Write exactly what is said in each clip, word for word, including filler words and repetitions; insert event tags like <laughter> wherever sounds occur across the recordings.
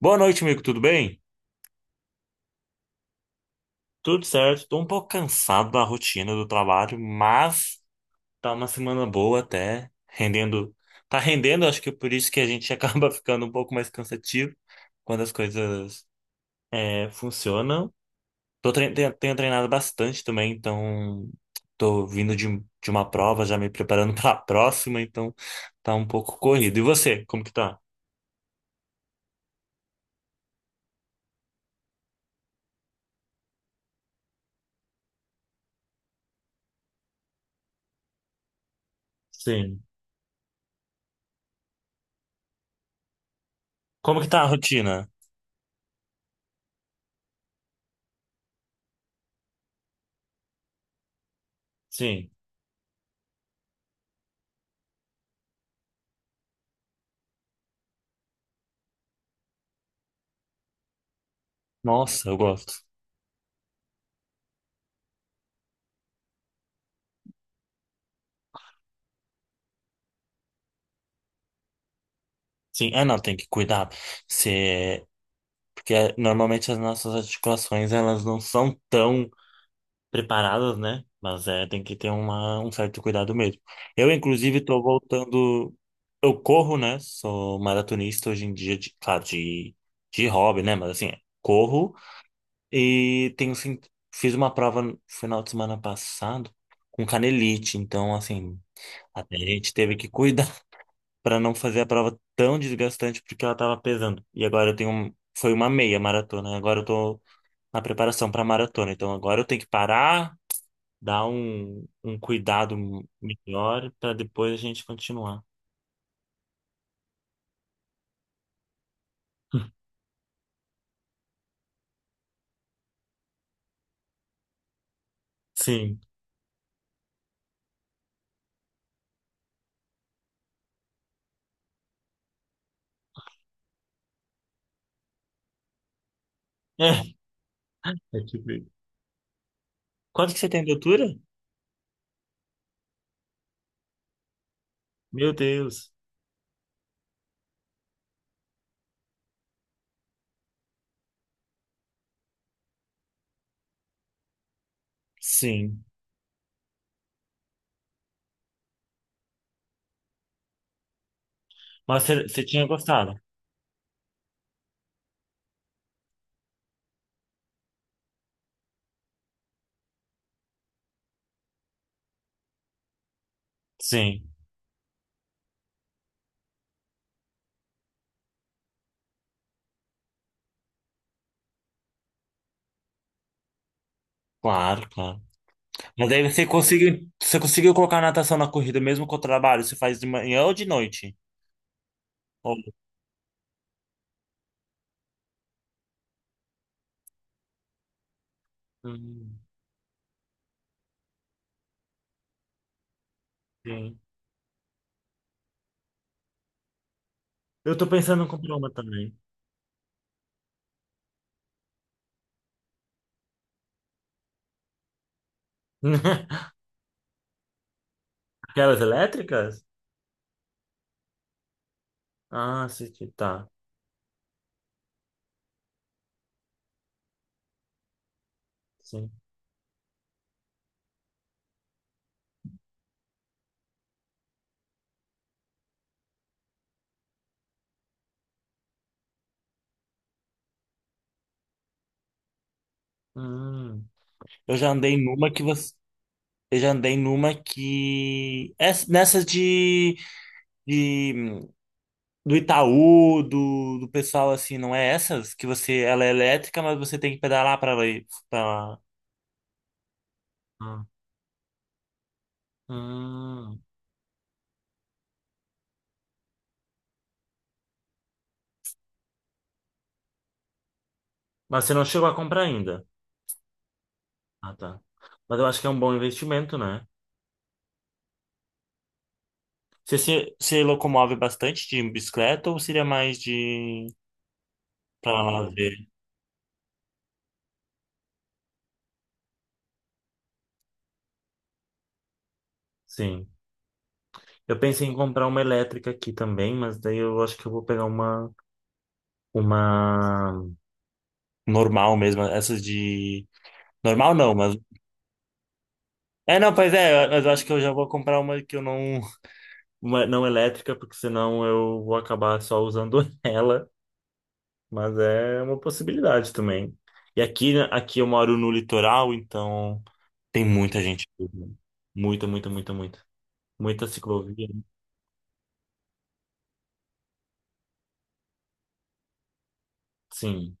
Boa noite, amigo. Tudo bem? Tudo certo. Estou um pouco cansado da rotina do trabalho, mas tá uma semana boa até, rendendo. Tá rendendo, acho que é por isso que a gente <laughs> acaba ficando um pouco mais cansativo quando as coisas é, funcionam. Tô trein- tenho, tenho treinado bastante também, então tô vindo de, de uma prova, já me preparando <laughs> para a próxima, então tá um pouco corrido. E você, como que tá? Sim. Como que tá a rotina? Sim. Nossa, eu gosto. Sim, é, não, tem que cuidar. Se... é, Porque é, normalmente as nossas articulações, elas não são tão preparadas, né? Mas é, tem que ter uma, um certo cuidado mesmo. Eu, inclusive, tô voltando. Eu corro, né? Sou maratonista hoje em dia, de, claro, de, de hobby, né? Mas assim, é, corro e tenho... sim- fiz uma prova no final de semana passado com canelite. Então, assim, até a gente teve que cuidar para não fazer a prova tão desgastante porque ela tava pesando. E agora eu tenho um, foi uma meia maratona, agora eu tô na preparação para maratona. Então agora eu tenho que parar, dar um, um cuidado melhor para depois a gente continuar. <laughs> Sim. É, é tipo isso. Quanto que você tem de altura? Meu Deus. Sim. Mas você você tinha gostado? Sim. Claro, claro. Mas aí você conseguiu, você conseguiu colocar a natação na corrida mesmo com o trabalho? Você faz de manhã ou de noite? Ou... hum, sim. Eu tô pensando em comprar uma também. <laughs> Aquelas elétricas? Ah, sim, sim, tá. Sim. Hum. Eu já andei numa que você. Eu já andei numa que. Essa- Nessas de, de. do Itaú, do, do pessoal assim, não é essas? Que você. Ela é elétrica, mas você tem que pedalar pra ela ir. Pra... lá. Ah. Hum. Mas você não chegou a comprar ainda. Ah, tá. Mas eu acho que é um bom investimento, né? Você se, se locomove bastante de bicicleta ou seria mais de. Pra lá ver. Sim. Eu pensei em comprar uma elétrica aqui também, mas daí eu acho que eu vou pegar uma, uma normal mesmo, essas de. Normal não, mas. É, não, pois é, mas eu acho que eu já vou comprar uma que eu não. <laughs> Uma não elétrica, porque senão eu vou acabar só usando <laughs> ela, mas é uma possibilidade também. E aqui, né, aqui eu moro no litoral, então tem muita gente. Muita, muita, muita, muita. Muita ciclovia. Sim.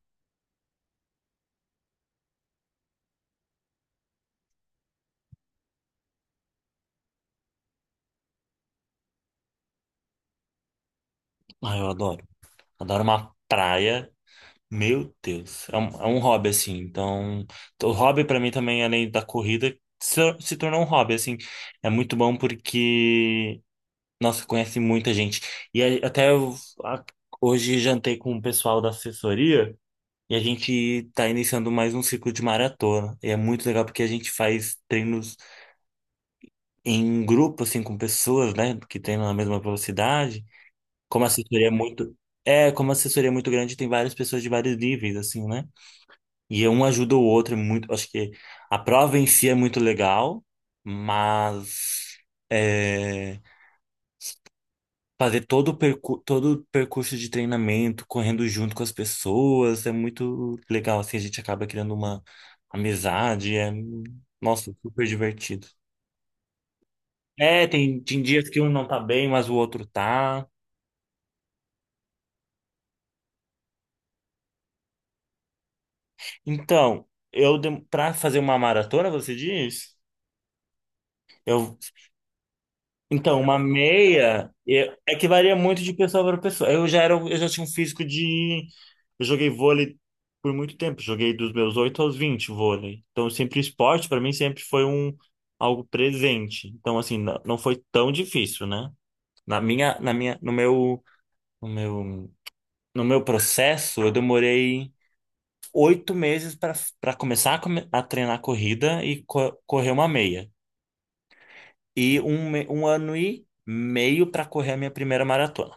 Ah, eu adoro. Adoro uma praia. Meu Deus, é um, é um hobby assim. Então, o hobby pra mim também, além da corrida, se, se tornou um hobby assim. É muito bom porque, nossa, conhece muita gente. E aí, até eu, a- hoje jantei com o pessoal da assessoria e a gente tá iniciando mais um ciclo de maratona. E é muito legal porque a gente faz treinos em grupo assim com pessoas, né, que treinam na mesma velocidade. Como a assessoria é muito É, como a assessoria é muito grande, tem várias pessoas de vários níveis, assim, né? E um ajuda o outro é muito. Acho que a prova em si é muito legal, mas é, fazer todo o percu todo o percurso de treinamento, correndo junto com as pessoas, é muito legal. Assim, a gente acaba criando uma amizade. É, nossa, super divertido. É, tem, tem dias que um não tá bem, mas o outro tá. Então, eu, dem- Pra fazer uma maratona, você diz? Eu Então, uma meia é é que varia muito de pessoa para pessoa. Eu já era, um, eu já tinha um físico de. Eu joguei vôlei por muito tempo, joguei dos meus oito aos vinte vôlei. Então, sempre esporte para mim sempre foi um algo presente. Então, assim, não, não foi tão difícil, né? Na minha, na minha, no meu, no meu, no meu processo, eu demorei oito meses para para começar a, come- a treinar corrida e co correr uma meia. E um, me- um ano e meio para correr a minha primeira maratona.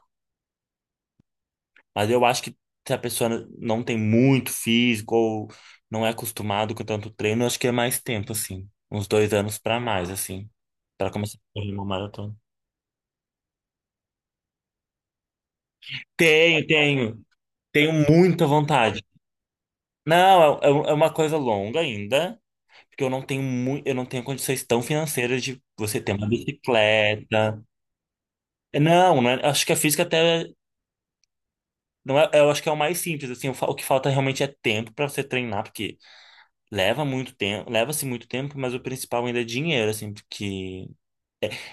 Mas eu acho que se a pessoa não tem muito físico ou não é acostumado com tanto treino, eu acho que é mais tempo, assim. Uns dois anos pra mais, assim. Pra começar a correr uma maratona. Tenho, tenho. Tenho muita vontade. Não, é, é um- é uma coisa longa ainda, porque eu não tenho muito, eu não tenho condições tão financeiras de você ter uma bicicleta. É, não, não é- acho que a física até é, não é, eu acho que é o mais simples, assim, o, fa- o que falta realmente é tempo para você treinar, porque leva muito tempo, leva-se muito tempo, mas o principal ainda é dinheiro, assim, porque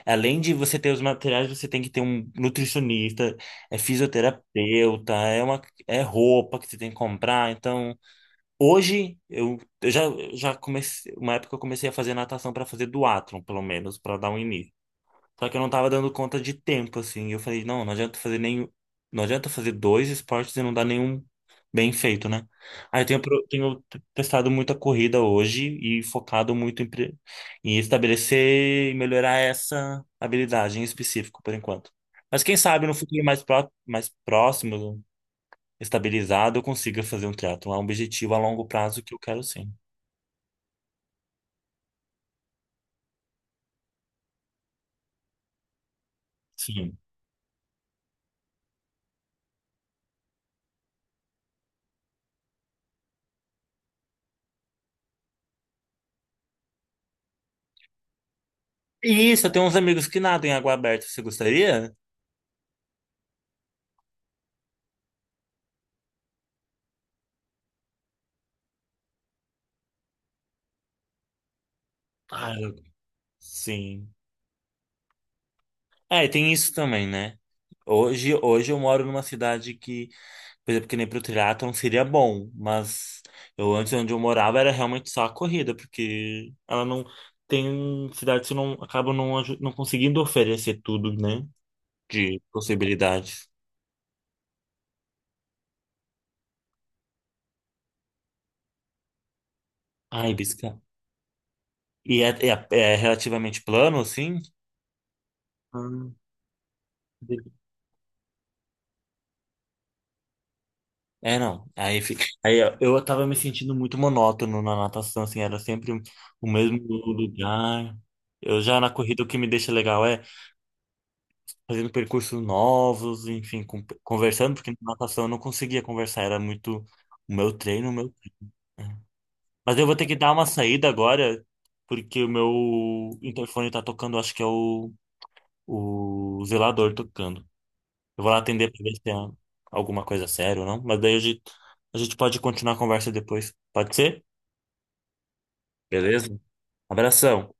além de você ter os materiais, você tem que ter um nutricionista, é fisioterapeuta, é uma, é roupa que você tem que comprar. Então, hoje eu, eu já, já comecei, uma época eu comecei a fazer natação para fazer duatlon, pelo menos, para dar um início. Só que eu não tava dando conta de tempo, assim. Eu falei, não, não adianta fazer nenhum. Não adianta fazer dois esportes e não dar nenhum bem feito, né? Aí eu tenho, pro- Tenho testado muita corrida hoje e focado muito em, pre- em estabelecer e melhorar essa habilidade em específico, por enquanto. Mas quem sabe no futuro mais, pró- mais próximo, estabilizado, eu consiga fazer um triatlo. É um objetivo a longo prazo que eu quero sim. Sim. E isso, eu tenho uns amigos que nadam em água aberta. Você gostaria? Ah, eu- sim. É, e tem isso também, né? Hoje, hoje eu moro numa cidade que, por exemplo, que nem pro triatlon seria bom, mas eu antes onde eu morava era realmente só a corrida, porque ela não tem cidades que não acabam não, aju- não conseguindo oferecer tudo, né? De possibilidades. Ai, bisca. E é, é, é relativamente plano, assim? Ah, é, não. Aí, fi- aí ó, eu tava me sentindo muito monótono na natação, assim, era sempre o mesmo lugar. Eu já na corrida o que me deixa legal é fazendo percursos novos, enfim, com- conversando, porque na natação eu não conseguia conversar, era muito o meu treino, o meu treino. Mas eu vou ter que dar uma saída agora, porque o meu interfone tá tocando, acho que é o, o zelador tocando. Eu vou lá atender pra ver se é alguma coisa séria ou não. Mas daí a gente, a gente pode continuar a conversa depois. Pode ser? Beleza? Abração.